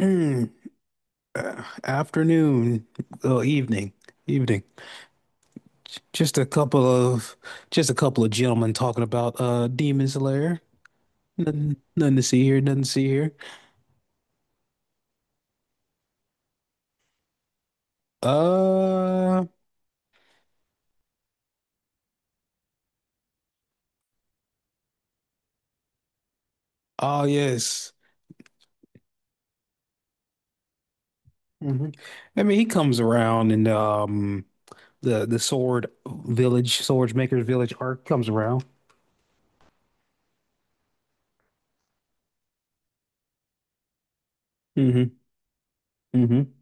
Mm, afternoon, well, evening, evening. Just a couple of, just a couple of gentlemen talking about Demon Slayer. Nothing, nothing to see here. Nothing to see here. Uh, oh yes. hmm I mean, he comes around, and the Sword Village, Sword Maker's Village arc comes around. hmm hmm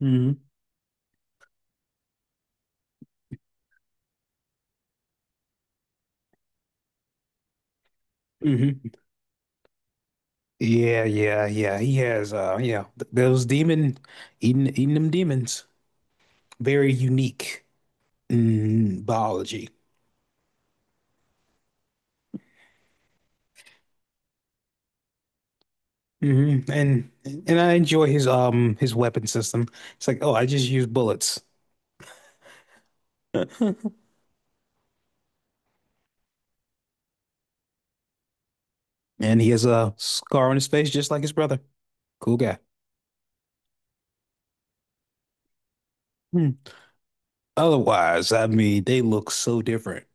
hmm hmm Yeah, yeah, yeah. He has yeah, those demon eating them demons. Very unique in biology. And I enjoy his weapon system. It's like, oh, I just use bullets. And he has a scar on his face just like his brother. Cool guy. Hmm. Otherwise, I mean, they look so different.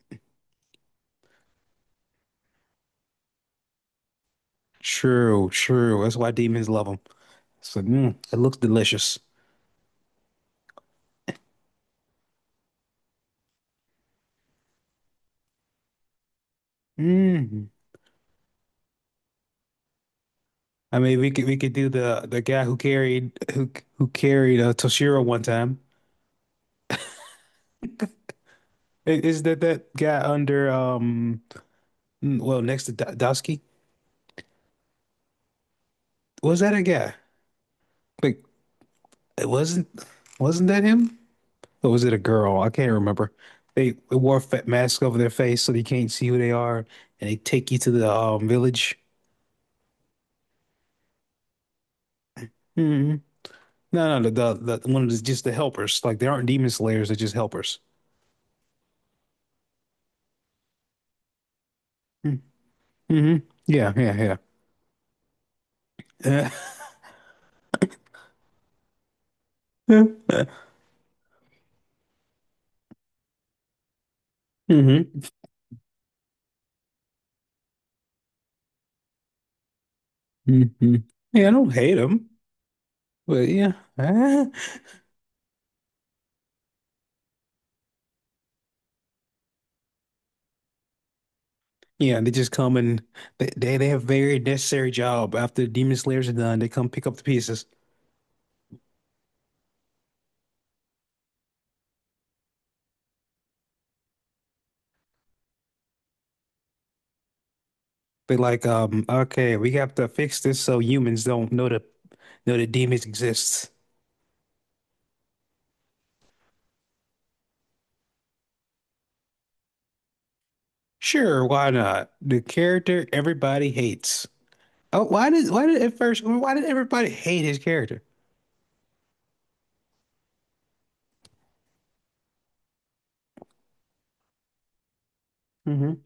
True, true. That's why demons love them. So it looks delicious. Mm. I mean, we could do the guy who carried who carried Toshiro one time. Is that that guy under? Well, next to Dowski, was that a guy? Like, it wasn't that him? Or was it a girl? I can't remember. They wore fa masks over their face, so they can't see who they are, and they take you to the village. hmm No, no, the one of the just the helpers. Like they aren't demon slayers; they're just helpers. Mm-hmm. Yeah, yeah, yeah. Mm-hmm. hmm Yeah, I don't hate them, but yeah. Yeah, they just come and they, they have very necessary job. After Demon Slayers are done, they come pick up the pieces. They're like, okay, we have to fix this so humans don't know the demons exist. Sure, why not? The character everybody hates. Oh, why did at first why did everybody hate his character? hmm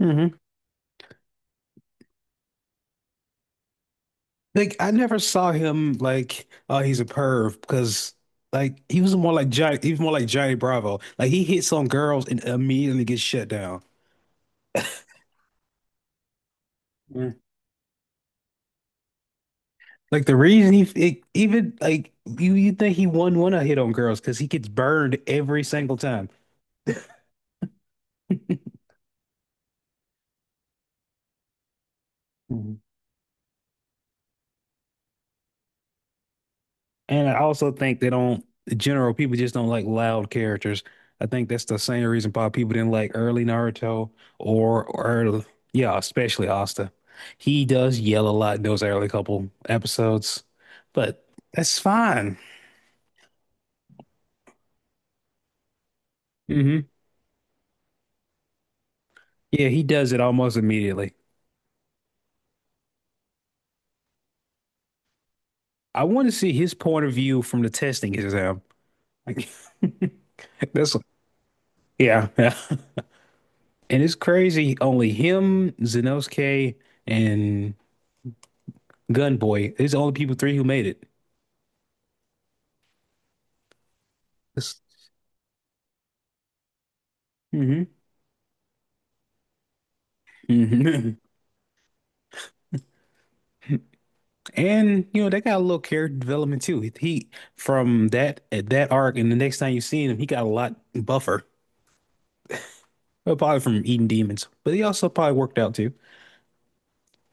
hmm Like I never saw him like, oh, he's a perv because like he was more like Johnny Bravo. Like he hits on girls and immediately gets shut down. Like the reason he it, even like you think he wouldn't want to hit on girls because he gets burned every single time. Mhm. And I also think the general people just don't like loud characters. I think that's the same reason why people didn't like early Naruto or early yeah, especially Asta. He does yell a lot in those early couple episodes, but that's fine. hmm Yeah, he does it almost immediately. I want to see his point of view from the testing exam. Like, that's yeah, yeah. And it's crazy. Only him, Zenosuke, and Gunboy. It's the only people three who made it. It's, hmm hmm And you know they got a little character development too. He from that at that arc, and the next time you see him, he got a lot buffer. Well, probably from eating demons, but he also probably worked out too.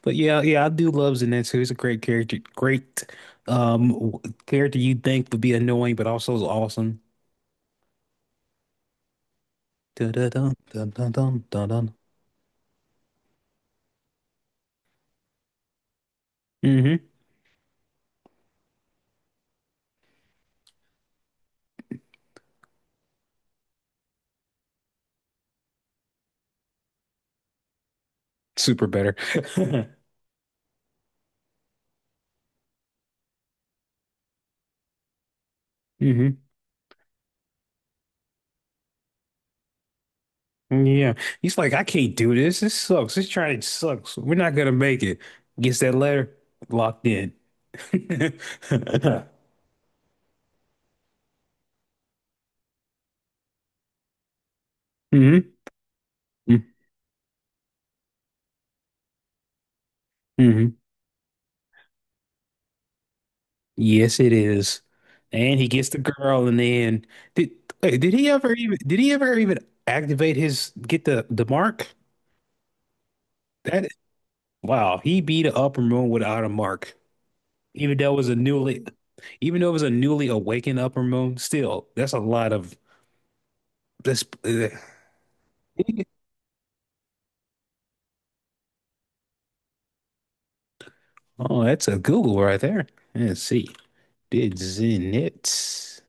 But yeah, yeah, I do love Zenitsu. He's a great character, great um w- character you'd think would be annoying, but also is awesome. Dun dun dun dun dun dun dun. Super better. hmm Yeah. He's like, I can't do this. This sucks. This trying sucks. We're not gonna make it. Gets that letter, locked in. hmm hmm Yes, it is. And he gets the girl, and then did hey, did he ever even activate his get the mark? That wow, he beat an upper moon without a mark. Even though it was a newly awakened upper moon, still, that's a lot of. Let's. Oh, that's a Google right there. Let's see. Did Zenitsu?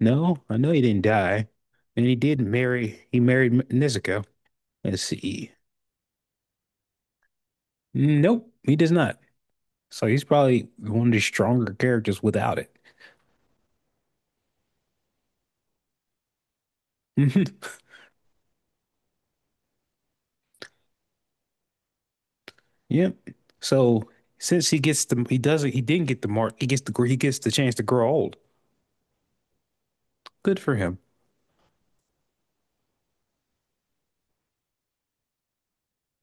No, I know he didn't die, and he did marry. He married Nezuko. Let's see. Nope, he does not. So he's probably one of the stronger characters without it. hmm Yep. So since he gets the, he doesn't, he didn't get the mark. He gets the, he gets the chance to grow old. Good for him.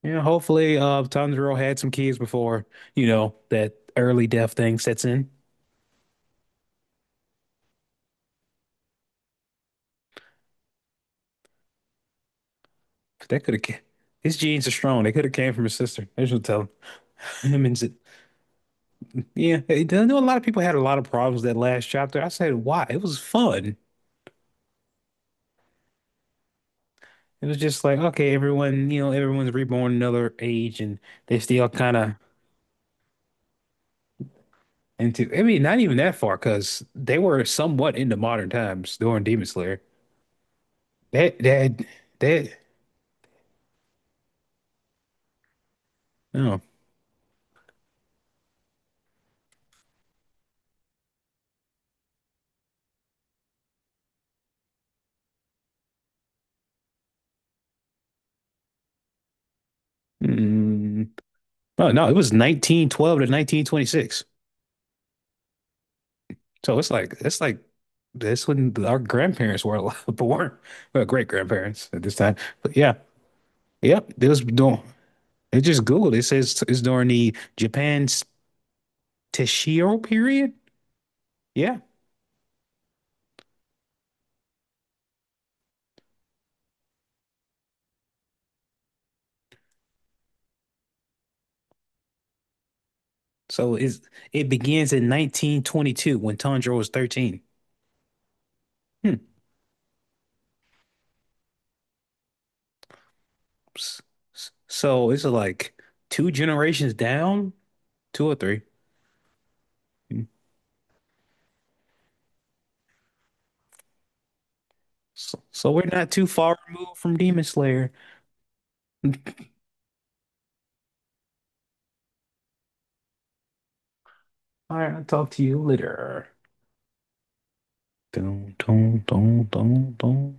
Yeah. Hopefully, Tanjiro had some kids before, you know, that early death thing sets in. That could have his genes are strong. They could have came from his sister. I should tell him. And said, yeah, I know a lot of people had a lot of problems that last chapter. I said, why? It was fun. It was just like, okay, everyone, you know, everyone's reborn another age, and they still kind of into, I mean, not even that far because they were somewhat into modern times during Demon Slayer. That, that, that, no. Mm. Oh, no, it was 1912 to 1926. So it's like this when our grandparents were alive, born, well, great grandparents at this time. But yeah, yep. It was doing. It just Googled. It says it's during the Japan's Taishiro period. Yeah. So it's, it begins in 1922 when Tanjiro was 13. Hmm. S- So it's like two generations down, two or three. Hmm. So, so we're not too far removed from Demon Slayer. All right, I'll talk to you later. Dun, dun, dun, dun, dun.